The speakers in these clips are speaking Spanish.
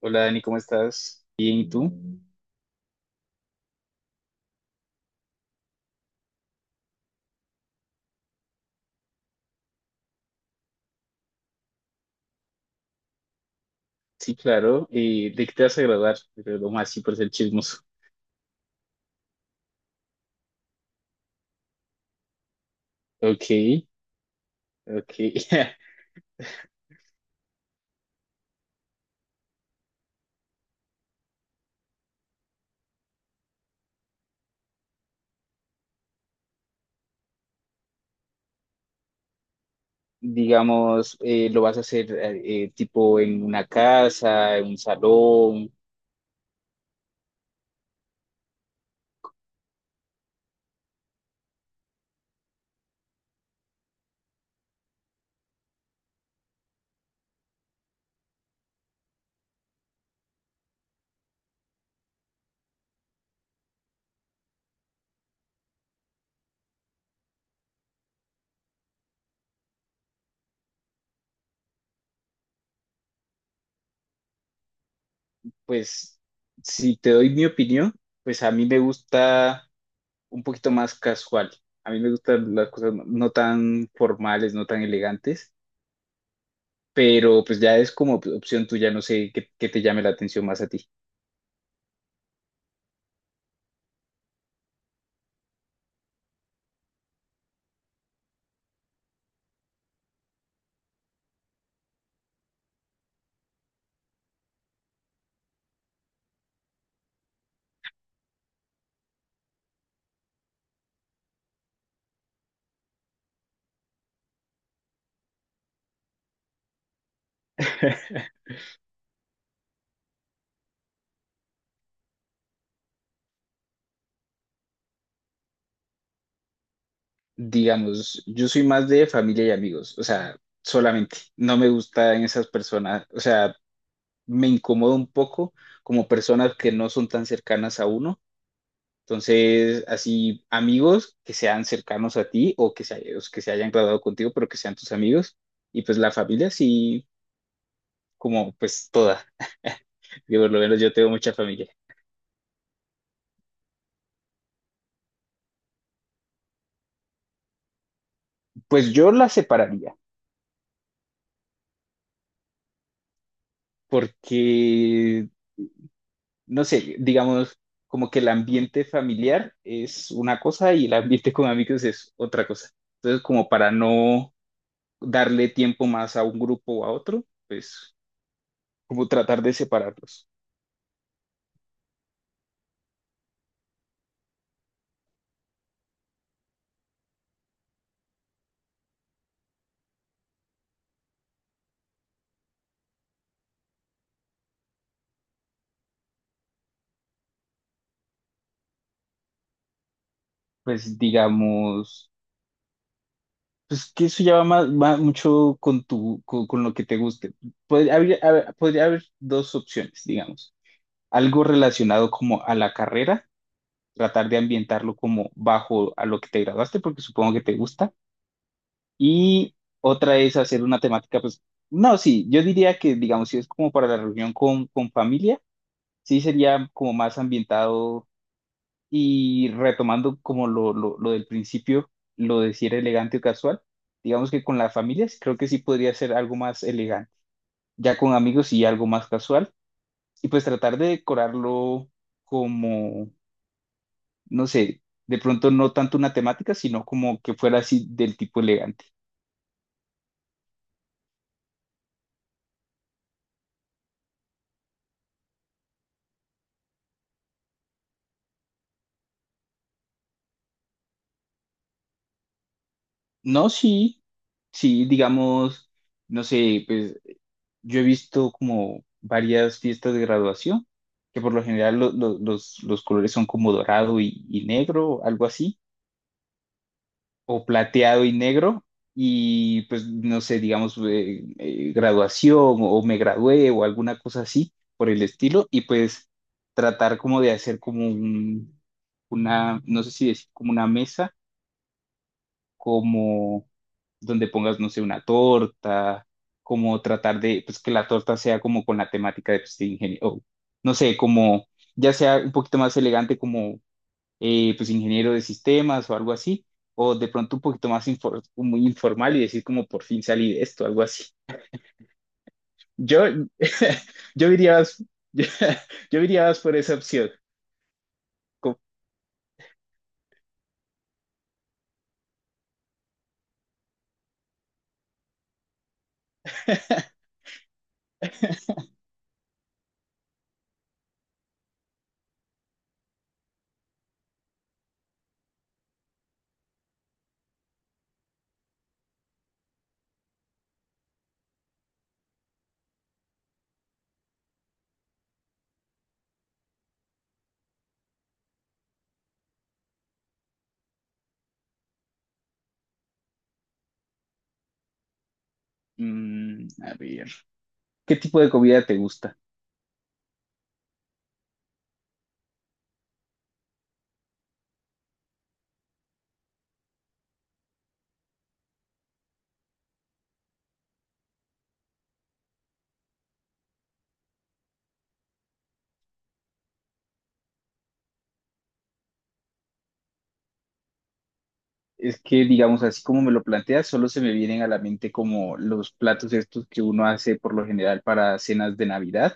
Hola Dani, ¿cómo estás? Bien, ¿y tú? Sí, claro. ¿De qué te vas a graduar? Pero lo más sí por ser chismoso. Ok, ok. Digamos, lo vas a hacer tipo en una casa, en un salón. Pues, si te doy mi opinión, pues a mí me gusta un poquito más casual. A mí me gustan las cosas no tan formales, no tan elegantes, pero pues ya es como opción tuya, no sé qué, qué te llame la atención más a ti. Digamos, yo soy más de familia y amigos, o sea, solamente, no me gustan esas personas, o sea, me incomoda un poco como personas que no son tan cercanas a uno, entonces, así, amigos que sean cercanos a ti o que se hayan graduado contigo, pero que sean tus amigos, y pues la familia sí, como pues toda, que por lo menos yo tengo mucha familia, pues yo la separaría, porque... no sé, digamos, como que el ambiente familiar es una cosa y el ambiente con amigos es otra cosa. Entonces, como para no darle tiempo más a un grupo o a otro, pues como tratar de separarlos. Pues digamos, pues que eso ya va, más, va mucho con tu, con lo que te guste. Podría podría haber dos opciones, digamos. Algo relacionado como a la carrera, tratar de ambientarlo como bajo a lo que te graduaste, porque supongo que te gusta. Y otra es hacer una temática, pues, no, sí, yo diría que, digamos, si es como para la reunión con familia, sí sería como más ambientado y retomando como lo del principio, lo de si era elegante o casual, digamos que con las familias creo que sí podría ser algo más elegante, ya con amigos sí algo más casual, y pues tratar de decorarlo como, no sé, de pronto no tanto una temática, sino como que fuera así del tipo elegante. No, sí, sí, digamos, no sé, pues yo he visto como varias fiestas de graduación, que por lo general los colores son como dorado y negro, algo así, o plateado y negro, y pues no sé, digamos, graduación o me gradué o alguna cosa así por el estilo, y pues tratar como de hacer como un, una, no sé si decir como una mesa como donde pongas, no sé, una torta, como tratar de, pues que la torta sea como con la temática de, pues, de ingeniero, o, no sé, como ya sea un poquito más elegante como, pues, ingeniero de sistemas o algo así, o de pronto un poquito más muy informal y decir como por fin salí de esto, algo así. Yo, yo diría, más- yo, diría más por esa opción. Como- Mm, a ver, ¿qué tipo de comida te gusta? Es que, digamos, así como me lo planteas, solo se me vienen a la mente como los platos estos que uno hace por lo general para cenas de Navidad,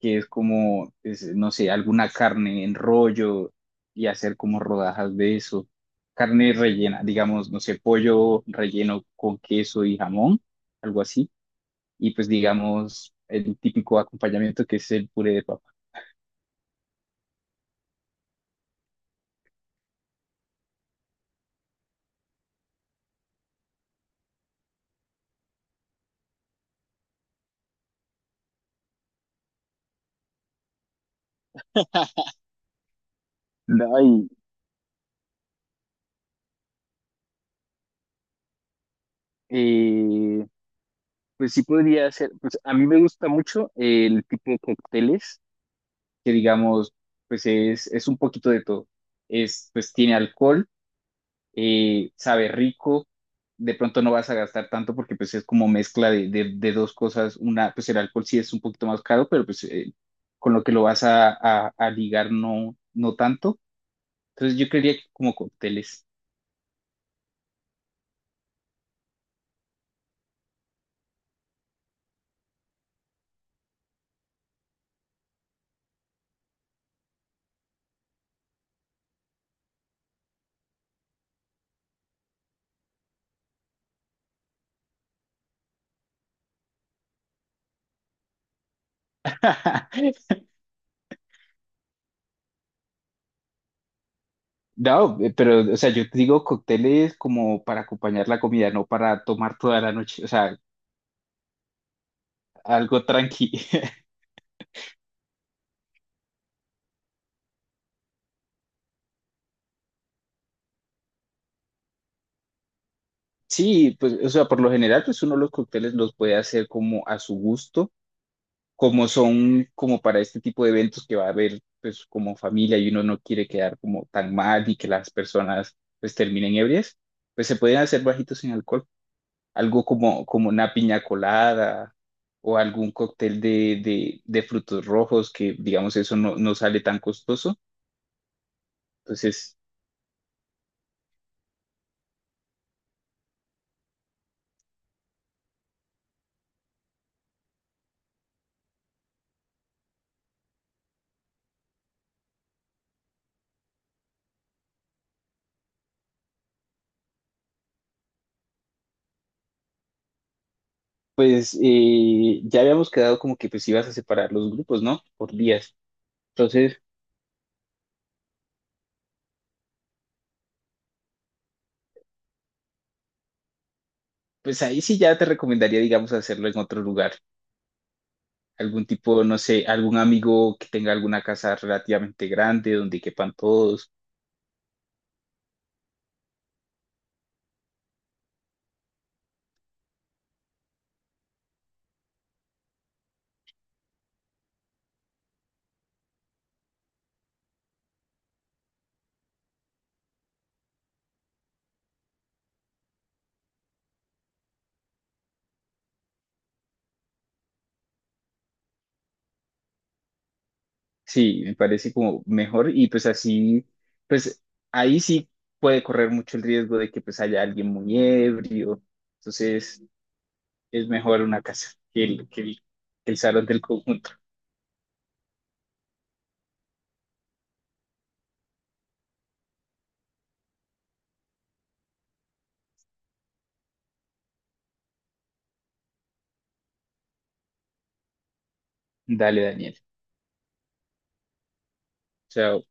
que es como, es, no sé, alguna carne en rollo y hacer como rodajas de eso. Carne rellena, digamos, no sé, pollo relleno con queso y jamón, algo así. Y pues, digamos, el típico acompañamiento que es el puré de papa. Ay, eh, pues sí podría ser, pues a mí me gusta mucho el tipo de cócteles que digamos, pues es un poquito de todo. Es, pues tiene alcohol, sabe rico, de pronto no vas a gastar tanto porque pues es como mezcla de, de dos cosas. Una, pues el alcohol sí es un poquito más caro, pero pues con lo que lo vas a, a ligar no, no tanto. Entonces yo creería que como cócteles. No, pero, o sea, yo te digo cócteles como para acompañar la comida, no para tomar toda la noche, o sea, algo tranqui. Sí, pues, o sea, por lo general, pues uno los cócteles los puede hacer como a su gusto, como son como para este tipo de eventos que va a haber, pues, como familia y uno no quiere quedar como tan mal y que las personas, pues, terminen ebrias, pues se pueden hacer bajitos en alcohol, algo como, como una piña colada o algún cóctel de frutos rojos que, digamos, eso no, no sale tan costoso. Entonces, pues, ya habíamos quedado como que, pues, ibas a separar los grupos, ¿no? Por días. Entonces, pues ahí sí ya te recomendaría, digamos, hacerlo en otro lugar. Algún tipo, no sé, algún amigo que tenga alguna casa relativamente grande donde quepan todos. Sí, me parece como mejor y pues así, pues ahí sí puede correr mucho el riesgo de que pues haya alguien muy ebrio. Entonces es mejor una casa que el salón del conjunto. Dale, Daniel. Chao.